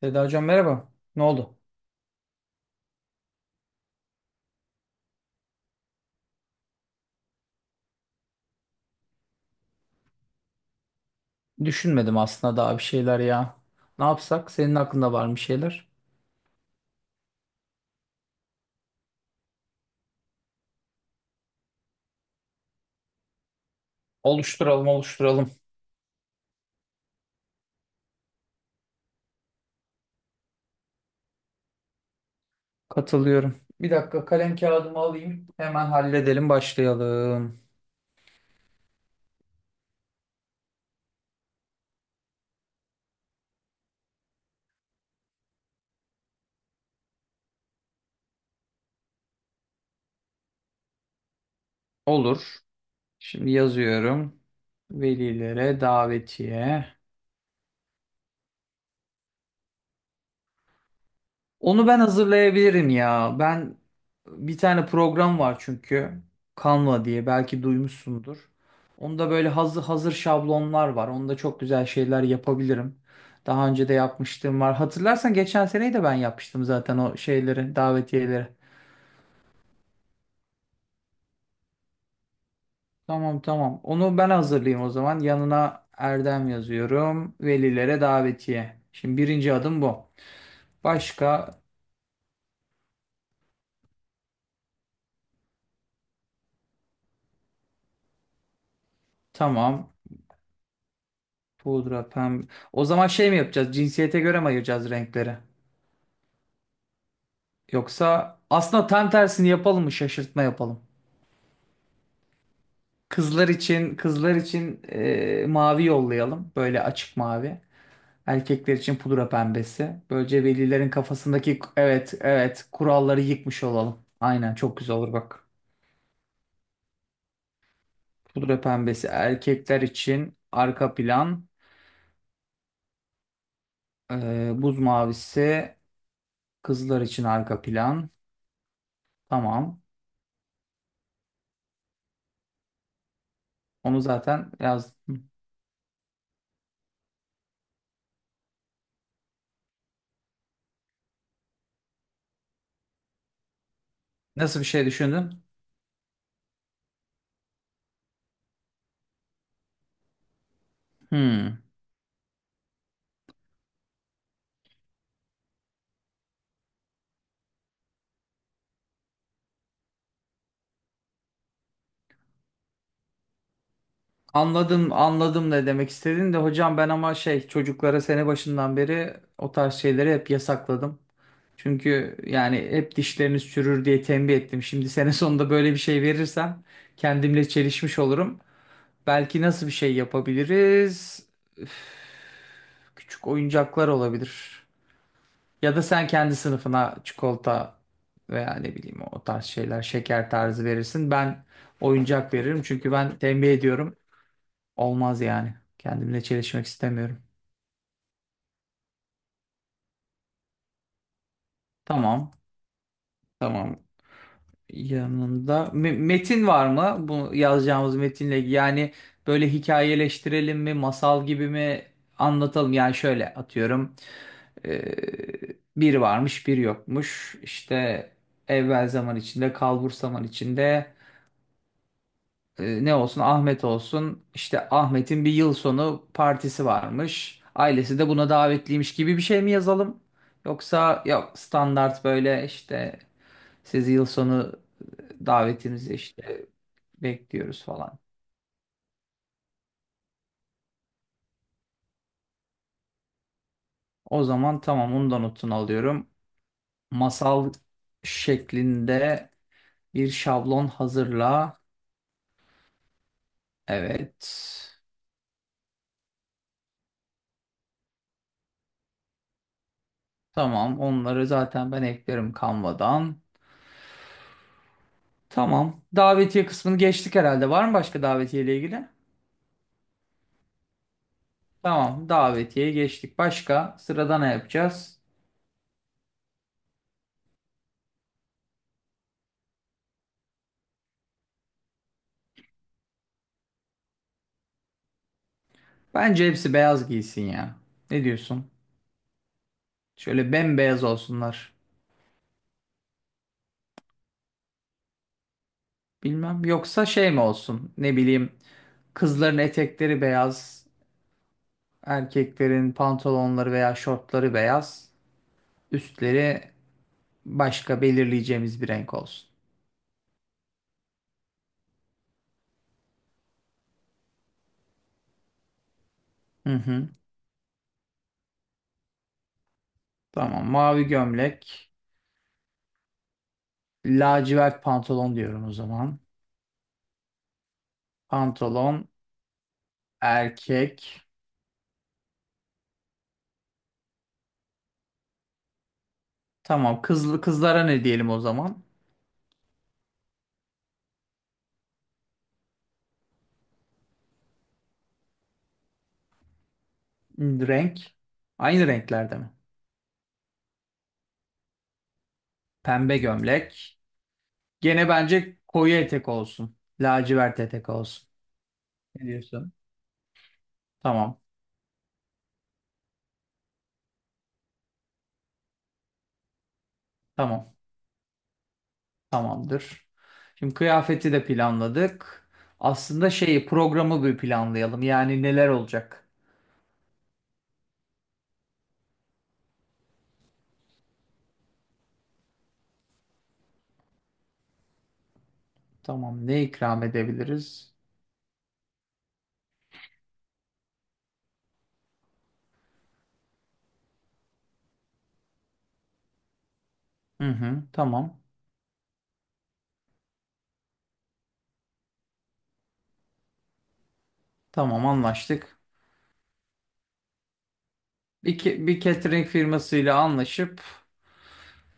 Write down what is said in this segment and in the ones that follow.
Seda hocam merhaba. Ne oldu? Düşünmedim aslında daha bir şeyler ya. Ne yapsak? Senin aklında var mı şeyler? Oluşturalım, oluşturalım. Katılıyorum. Bir dakika kalem kağıdımı alayım. Hemen halledelim, başlayalım. Olur. Şimdi yazıyorum. Velilere davetiye. Onu ben hazırlayabilirim ya. Ben bir tane program var çünkü. Canva diye belki duymuşsundur. Onda böyle hazır hazır şablonlar var. Onda çok güzel şeyler yapabilirim. Daha önce de yapmıştım var. Hatırlarsan geçen seneyi de ben yapmıştım zaten o şeyleri, davetiyeleri. Tamam tamam. Onu ben hazırlayayım o zaman. Yanına Erdem yazıyorum. Velilere davetiye. Şimdi birinci adım bu. Başka tamam. Pudra, pembe. O zaman şey mi yapacağız? Cinsiyete göre mi ayıracağız renkleri? Yoksa aslında tam tersini yapalım mı? Şaşırtma yapalım. Kızlar için kızlar için mavi yollayalım. Böyle açık mavi. Erkekler için pudra pembesi. Böylece velilerin kafasındaki evet evet kuralları yıkmış olalım. Aynen çok güzel olur bak. Pudra pembesi erkekler için arka plan. Buz mavisi kızlar için arka plan. Tamam. Onu zaten yazdım. Nasıl bir şey düşündün? Hmm. Anladım, anladım ne demek istediğin de hocam ben ama şey çocuklara sene başından beri o tarz şeyleri hep yasakladım. Çünkü yani hep dişleriniz çürür diye tembih ettim. Şimdi sene sonunda böyle bir şey verirsem kendimle çelişmiş olurum. Belki nasıl bir şey yapabiliriz? Üf, küçük oyuncaklar olabilir. Ya da sen kendi sınıfına çikolata veya ne bileyim o tarz şeyler, şeker tarzı verirsin. Ben oyuncak veririm çünkü ben tembih ediyorum. Olmaz yani. Kendimle çelişmek istemiyorum. Tamam. Yanında metin var mı? Bu yazacağımız metinle yani böyle hikayeleştirelim mi, masal gibi mi anlatalım? Yani şöyle atıyorum. Ee, bir varmış, bir yokmuş. İşte evvel zaman içinde, kalbur zaman içinde. Ne olsun Ahmet olsun işte Ahmet'in bir yıl sonu partisi varmış. Ailesi de buna davetliymiş gibi bir şey mi yazalım? Yoksa yok standart böyle işte sizi yıl sonu davetinizi işte bekliyoruz falan. O zaman tamam onu da notunu alıyorum. Masal şeklinde bir şablon hazırla. Evet. Tamam onları zaten ben eklerim Canva'dan. Tamam. Davetiye kısmını geçtik herhalde. Var mı başka davetiye ile ilgili? Tamam. Davetiye geçtik. Başka sırada ne yapacağız? Bence hepsi beyaz giysin ya. Ne diyorsun? Şöyle bembeyaz olsunlar. Bilmem. Yoksa şey mi olsun? Ne bileyim. Kızların etekleri beyaz. Erkeklerin pantolonları veya şortları beyaz. Üstleri başka belirleyeceğimiz bir renk olsun. Hı hı. Tamam. Mavi gömlek. Lacivert pantolon diyorum o zaman. Pantolon. Erkek. Tamam. Kızlı kızlara ne diyelim o zaman? Hmm, renk. Aynı renklerde mi? Pembe gömlek. Gene bence koyu etek olsun. Lacivert etek olsun. Ne diyorsun? Tamam. Tamam. Tamamdır. Şimdi kıyafeti de planladık. Aslında şeyi programı bir planlayalım. Yani neler olacak? Tamam. Ne ikram edebiliriz? Hı hı. Tamam. Tamam anlaştık. Bir, bir catering firmasıyla anlaşıp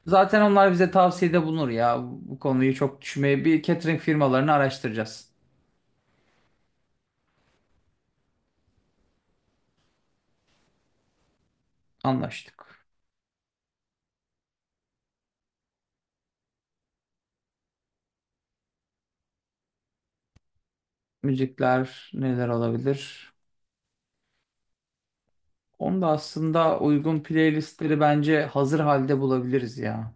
zaten onlar bize tavsiyede bulunur ya. Bu konuyu çok düşünmeye bir catering firmalarını araştıracağız. Anlaştık. Müzikler neler olabilir? Onu da aslında uygun playlistleri bence hazır halde bulabiliriz ya.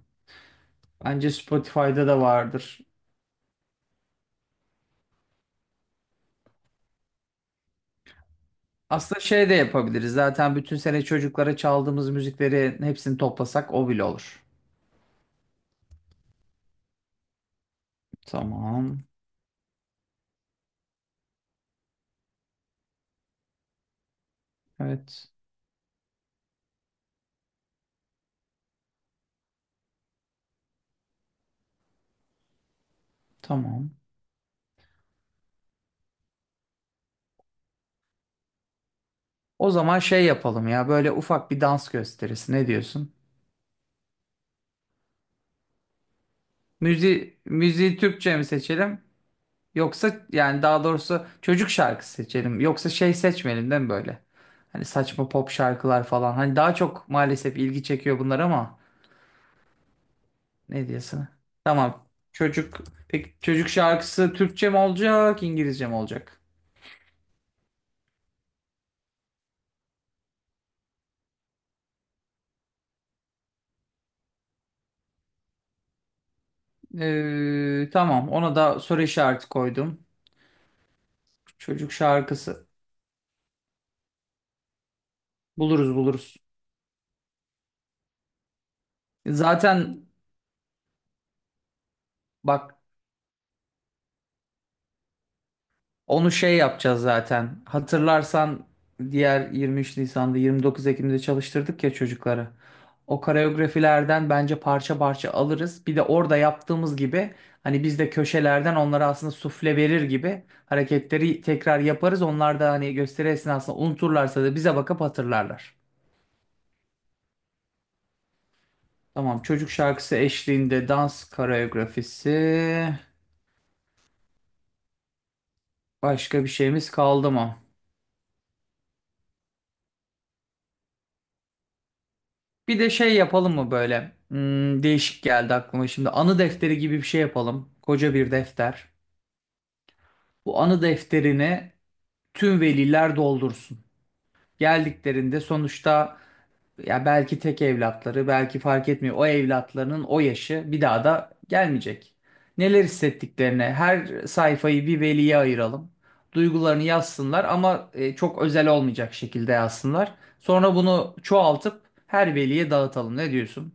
Bence Spotify'da da vardır. Aslında şey de yapabiliriz. Zaten bütün sene çocuklara çaldığımız müzikleri hepsini toplasak o bile olur. Tamam. Evet. Tamam. O zaman şey yapalım ya. Böyle ufak bir dans gösterisi. Ne diyorsun? Müziği Türkçe mi seçelim? Yoksa yani daha doğrusu çocuk şarkısı seçelim. Yoksa şey seçmeyelim değil mi böyle? Hani saçma pop şarkılar falan. Hani daha çok maalesef ilgi çekiyor bunlar ama ne diyorsun? Tamam. Çocuk peki çocuk şarkısı Türkçe mi olacak, İngilizce mi olacak? Tamam. Ona da soru işareti koydum. Çocuk şarkısı. Buluruz buluruz. Zaten bak onu şey yapacağız zaten. Hatırlarsan diğer 23 Nisan'da 29 Ekim'de çalıştırdık ya çocukları. O koreografilerden bence parça parça alırız. Bir de orada yaptığımız gibi hani biz de köşelerden onlara aslında sufle verir gibi hareketleri tekrar yaparız. Onlar da hani gösteri esnasında unuturlarsa da bize bakıp hatırlarlar. Tamam çocuk şarkısı eşliğinde dans koreografisi. Başka bir şeyimiz kaldı mı? Bir de şey yapalım mı böyle? Hmm, değişik geldi aklıma şimdi. Anı defteri gibi bir şey yapalım. Koca bir defter. Bu anı defterini tüm veliler doldursun. Geldiklerinde sonuçta ya belki tek evlatları, belki fark etmiyor. O evlatlarının o yaşı bir daha da gelmeyecek. Neler hissettiklerini, her sayfayı bir veliye ayıralım. Duygularını yazsınlar ama çok özel olmayacak şekilde yazsınlar. Sonra bunu çoğaltıp her veliye dağıtalım. Ne diyorsun?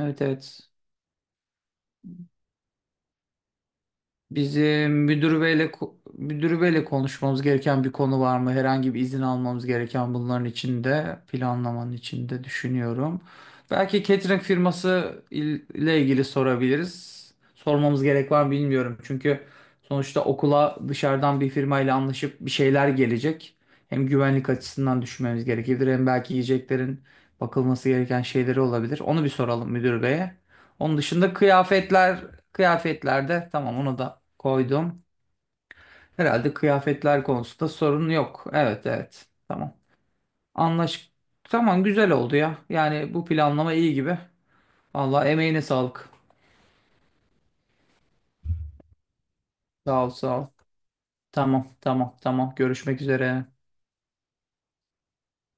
Evet evet. Bizim müdür beyle müdür beyle konuşmamız gereken bir konu var mı? Herhangi bir izin almamız gereken bunların içinde, planlamanın içinde düşünüyorum. Belki catering firması ile ilgili sorabiliriz. Sormamız gerek var mı bilmiyorum. Çünkü sonuçta okula dışarıdan bir firmayla anlaşıp bir şeyler gelecek. Hem güvenlik açısından düşünmemiz gerekebilir hem belki yiyeceklerin bakılması gereken şeyleri olabilir. Onu bir soralım müdür beye. Onun dışında kıyafetler, kıyafetlerde tamam onu da koydum. Herhalde kıyafetler konusunda sorun yok. Evet evet. Tamam. Anlaş. Tamam güzel oldu ya. Yani bu planlama iyi gibi. Vallahi emeğine sağlık. Sağ ol sağ ol. Tamam tamam tamam. Görüşmek üzere.